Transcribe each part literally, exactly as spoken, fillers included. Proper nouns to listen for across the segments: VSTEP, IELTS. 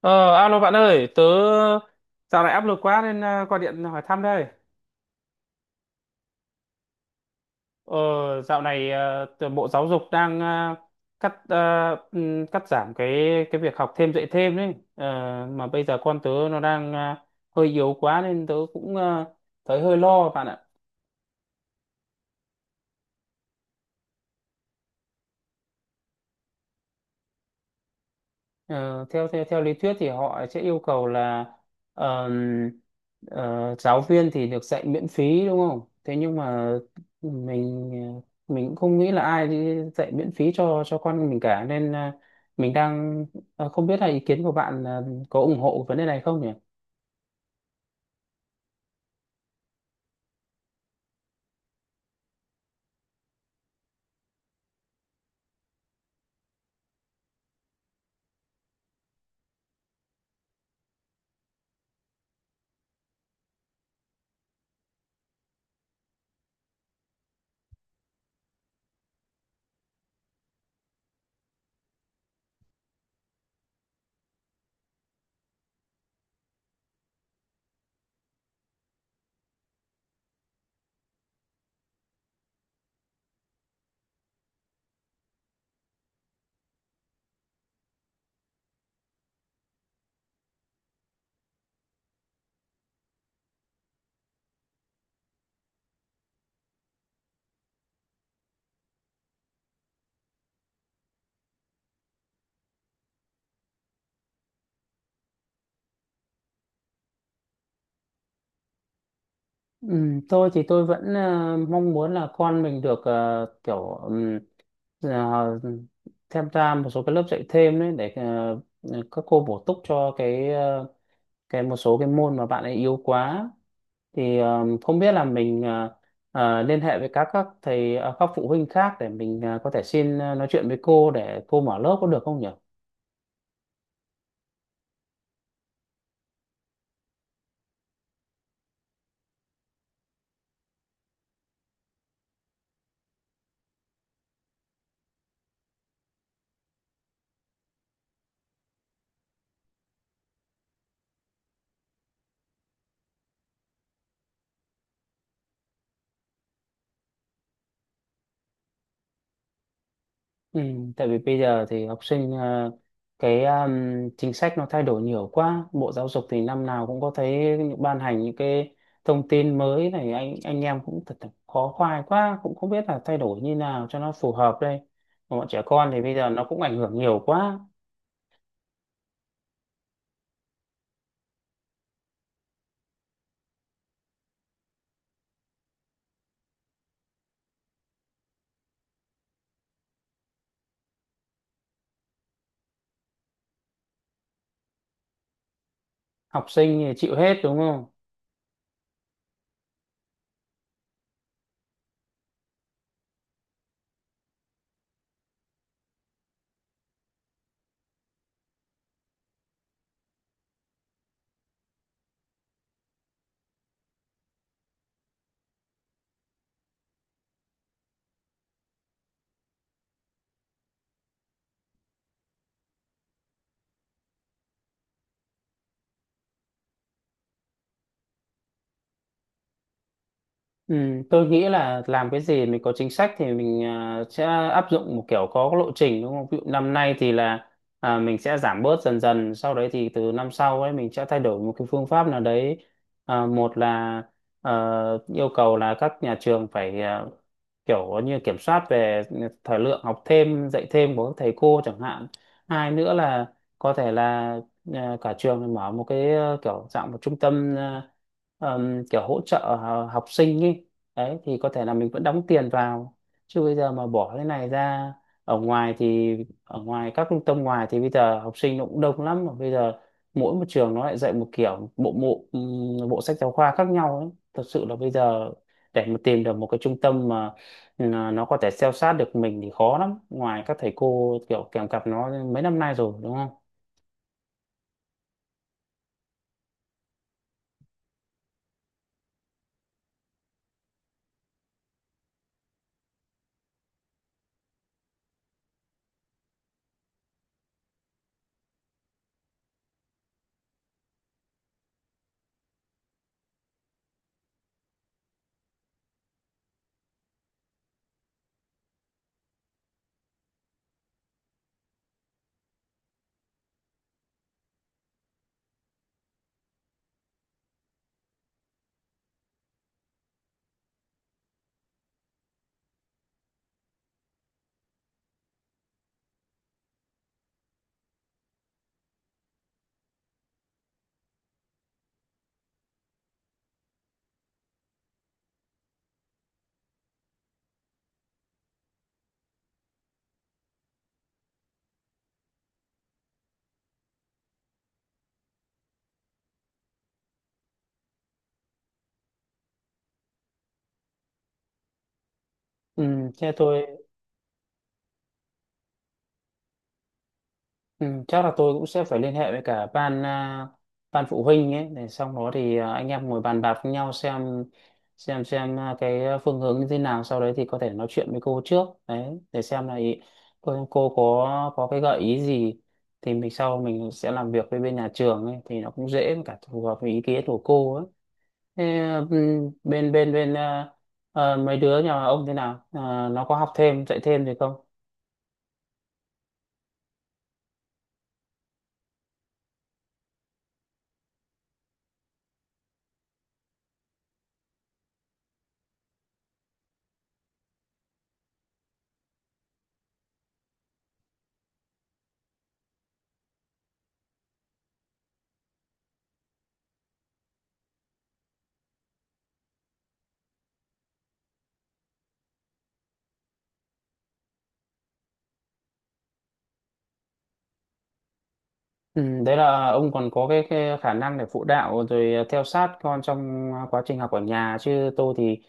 Ờ, Alo bạn ơi, tớ dạo này áp lực quá nên à, gọi điện hỏi thăm đây. Ờ, Dạo này à, tờ- Bộ Giáo dục đang à, cắt à, ừm, cắt giảm cái cái việc học thêm dạy thêm đấy. Ờ, mà bây giờ con tớ nó đang à, hơi yếu quá nên tớ cũng à, thấy hơi lo bạn ạ. Ờ, theo theo theo lý thuyết thì họ sẽ yêu cầu là ờm, ờ, giáo viên thì được dạy miễn phí đúng không? Thế nhưng mà mình, ờ, mình cũng không nghĩ là ai đi dạy miễn phí cho cho con mình cả nên ờ, mình đang, ờ, không biết là ý kiến của bạn ờ, có ủng hộ vấn đề này không nhỉ? Ừm, tôi thì tôi vẫn ờ, mong muốn là con mình được, ờ, kiểu ừm, ờ, tham gia một số cái lớp dạy thêm đấy để ờ, các cô bổ túc cho cái cái một số cái môn mà bạn ấy yếu quá thì ờ, không biết là mình, ờ, ờ, liên hệ với các các thầy, ờ, các phụ huynh khác để mình ờ, có thể xin, ờ, nói chuyện với cô để cô mở lớp có được không nhỉ? Ừ, tại vì bây giờ thì học sinh, ờ, cái um, chính sách nó thay đổi nhiều quá. Bộ Giáo dục thì năm nào cũng có thấy những- ban hành những cái thông tin mới này anh anh em cũng thật là khó khoai quá cũng không biết là thay đổi như nào cho nó phù hợp đây. Bọn trẻ con thì bây giờ nó cũng ảnh hưởng nhiều quá. Học sinh thì chịu hết đúng không? Ừ, tôi nghĩ là làm cái gì mình có chính sách thì mình à, sẽ áp dụng một kiểu có lộ trình đúng không? Ví dụ năm nay thì là, à, mình sẽ giảm bớt dần dần, sau đấy thì từ năm sau ấy mình sẽ thay đổi một cái phương pháp nào đấy. À, một là, ờ, yêu cầu là các nhà trường phải, à, kiểu như kiểm soát về thời lượng học thêm, dạy thêm của các thầy cô chẳng hạn. Hai nữa là có thể là, à, cả trường mở một cái, ờ, kiểu dạng một trung tâm, à, ờm, kiểu hỗ trợ ờ, học sinh ấy, đấy thì có thể là mình vẫn đóng tiền vào, chứ bây giờ mà bỏ cái này ra ở ngoài thì ở ngoài các trung tâm ngoài thì bây giờ học sinh nó cũng đông lắm mà bây giờ mỗi một trường nó lại dạy một kiểu bộ bộ ừm, bộ sách giáo khoa khác nhau ấy, thật sự là bây giờ để mà tìm được một cái trung tâm mà, ừ, nó có thể theo sát được mình thì khó lắm ngoài các thầy cô kiểu kèm cặp nó mấy năm nay rồi đúng không. Ừ, thế tôi, ừ, chắc là tôi cũng sẽ phải liên hệ với cả ban, à, ban phụ huynh ấy để xong đó thì, à, anh em ngồi bàn bạc với nhau xem xem xem à, cái phương hướng như thế nào sau đấy thì có thể nói chuyện với cô trước đấy để xem là ý, cô, cô có có cái gợi ý gì thì mình sau mình sẽ làm việc với bên nhà trường ấy thì nó cũng dễ với cả phù hợp với ý kiến của cô ấy. Thế, ừ, bên bên bên à, à, mấy đứa nhà ông thế nào? À, nó có học thêm dạy thêm gì không? Ừ, đấy là ông còn có cái, cái khả năng để phụ đạo rồi, à, theo sát con trong quá trình học ở nhà chứ tôi thì,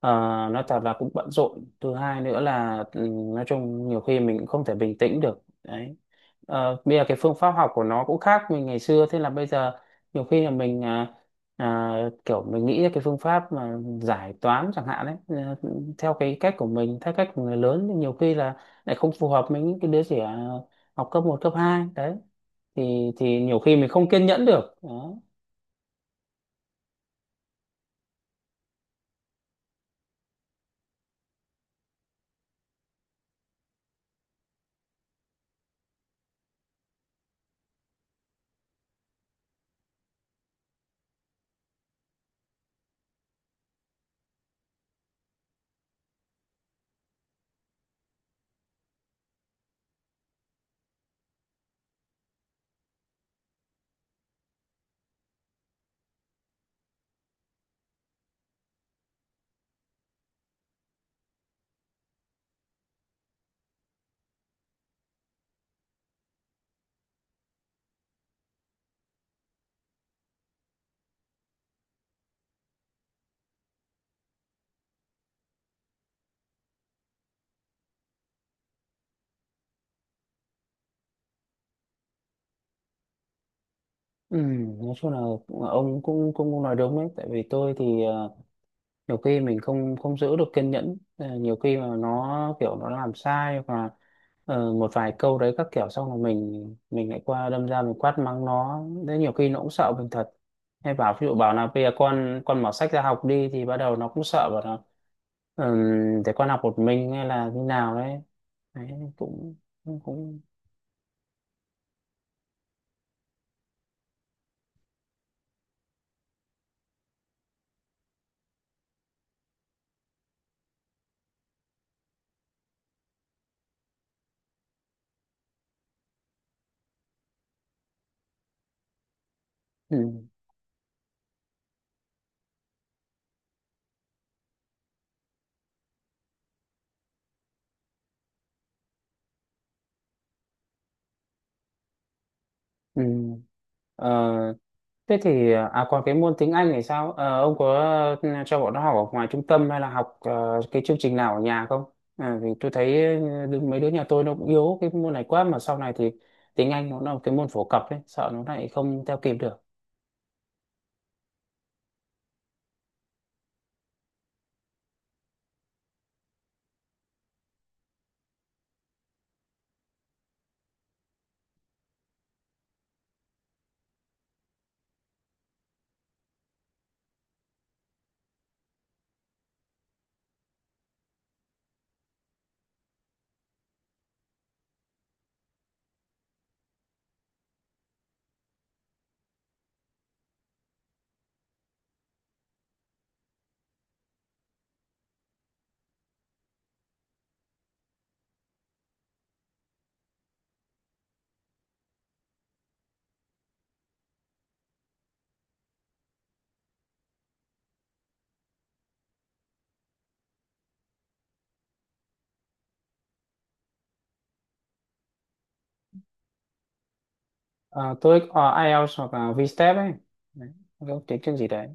ờ, nói thật là cũng bận rộn, thứ hai nữa là ừ, nói chung nhiều khi mình cũng không thể bình tĩnh được đấy. Ờ, bây giờ cái phương pháp học của nó cũng khác mình ngày xưa, thế là bây giờ nhiều khi là mình, à, à, kiểu mình nghĩ ra cái phương pháp mà giải toán chẳng hạn đấy, ờ, theo cái cách của mình theo cách của người lớn thì nhiều khi là lại không phù hợp với những cái đứa trẻ học cấp một cấp hai đấy thì thì nhiều khi mình không kiên nhẫn được đó. Ừ, nói chung là ông cũng cũng cũng nói đúng đấy, tại vì tôi thì, ờ, nhiều khi mình không không giữ được kiên nhẫn. Ờ, nhiều khi mà nó kiểu nó làm sai và, ờ, một vài câu đấy các kiểu xong là mình mình lại qua đâm ra mình quát mắng nó đấy, nhiều khi nó cũng sợ mình thật, hay bảo ví dụ bảo là bây giờ con con mở sách ra học đi thì bắt đầu nó cũng sợ bảo là, ừ, để con học một mình hay là như nào đấy. Đấy cũng cũng cũng ừ. Ừ. Ờ, Thế thì, ờ, à còn cái môn tiếng Anh thì sao? Ờ, ông có, ờ, cho bọn nó học ở ngoài trung tâm hay là học, ờ, cái chương trình nào ở nhà không? À, vì tôi thấy ờ, đứa- mấy đứa nhà tôi nó cũng yếu cái môn này quá, mà sau này thì tiếng Anh nó là một cái môn phổ cập ấy, sợ nó lại không theo kịp được. Ờ, tôi có ai eo hoặc là vê ét tê e pê ấy. Đấy, cái tiếng chương gì đấy.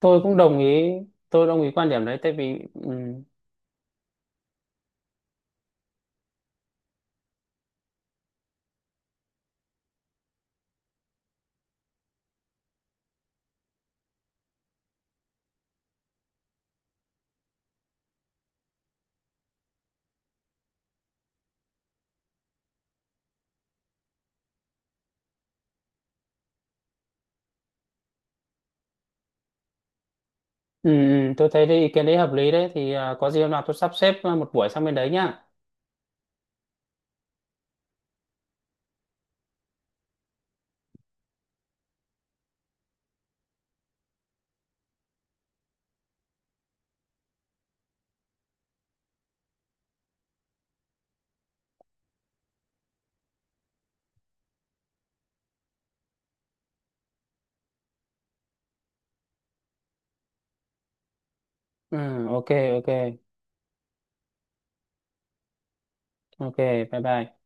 Tôi cũng đồng ý, tôi đồng ý quan điểm đấy tại vì ừm, ừm, tôi thấy cái ý kiến đấy hợp lý đấy, thì ờ, có gì hôm nào tôi sắp xếp một buổi sang bên đấy nhá. Ừ, ok, ok, ok, bye bye.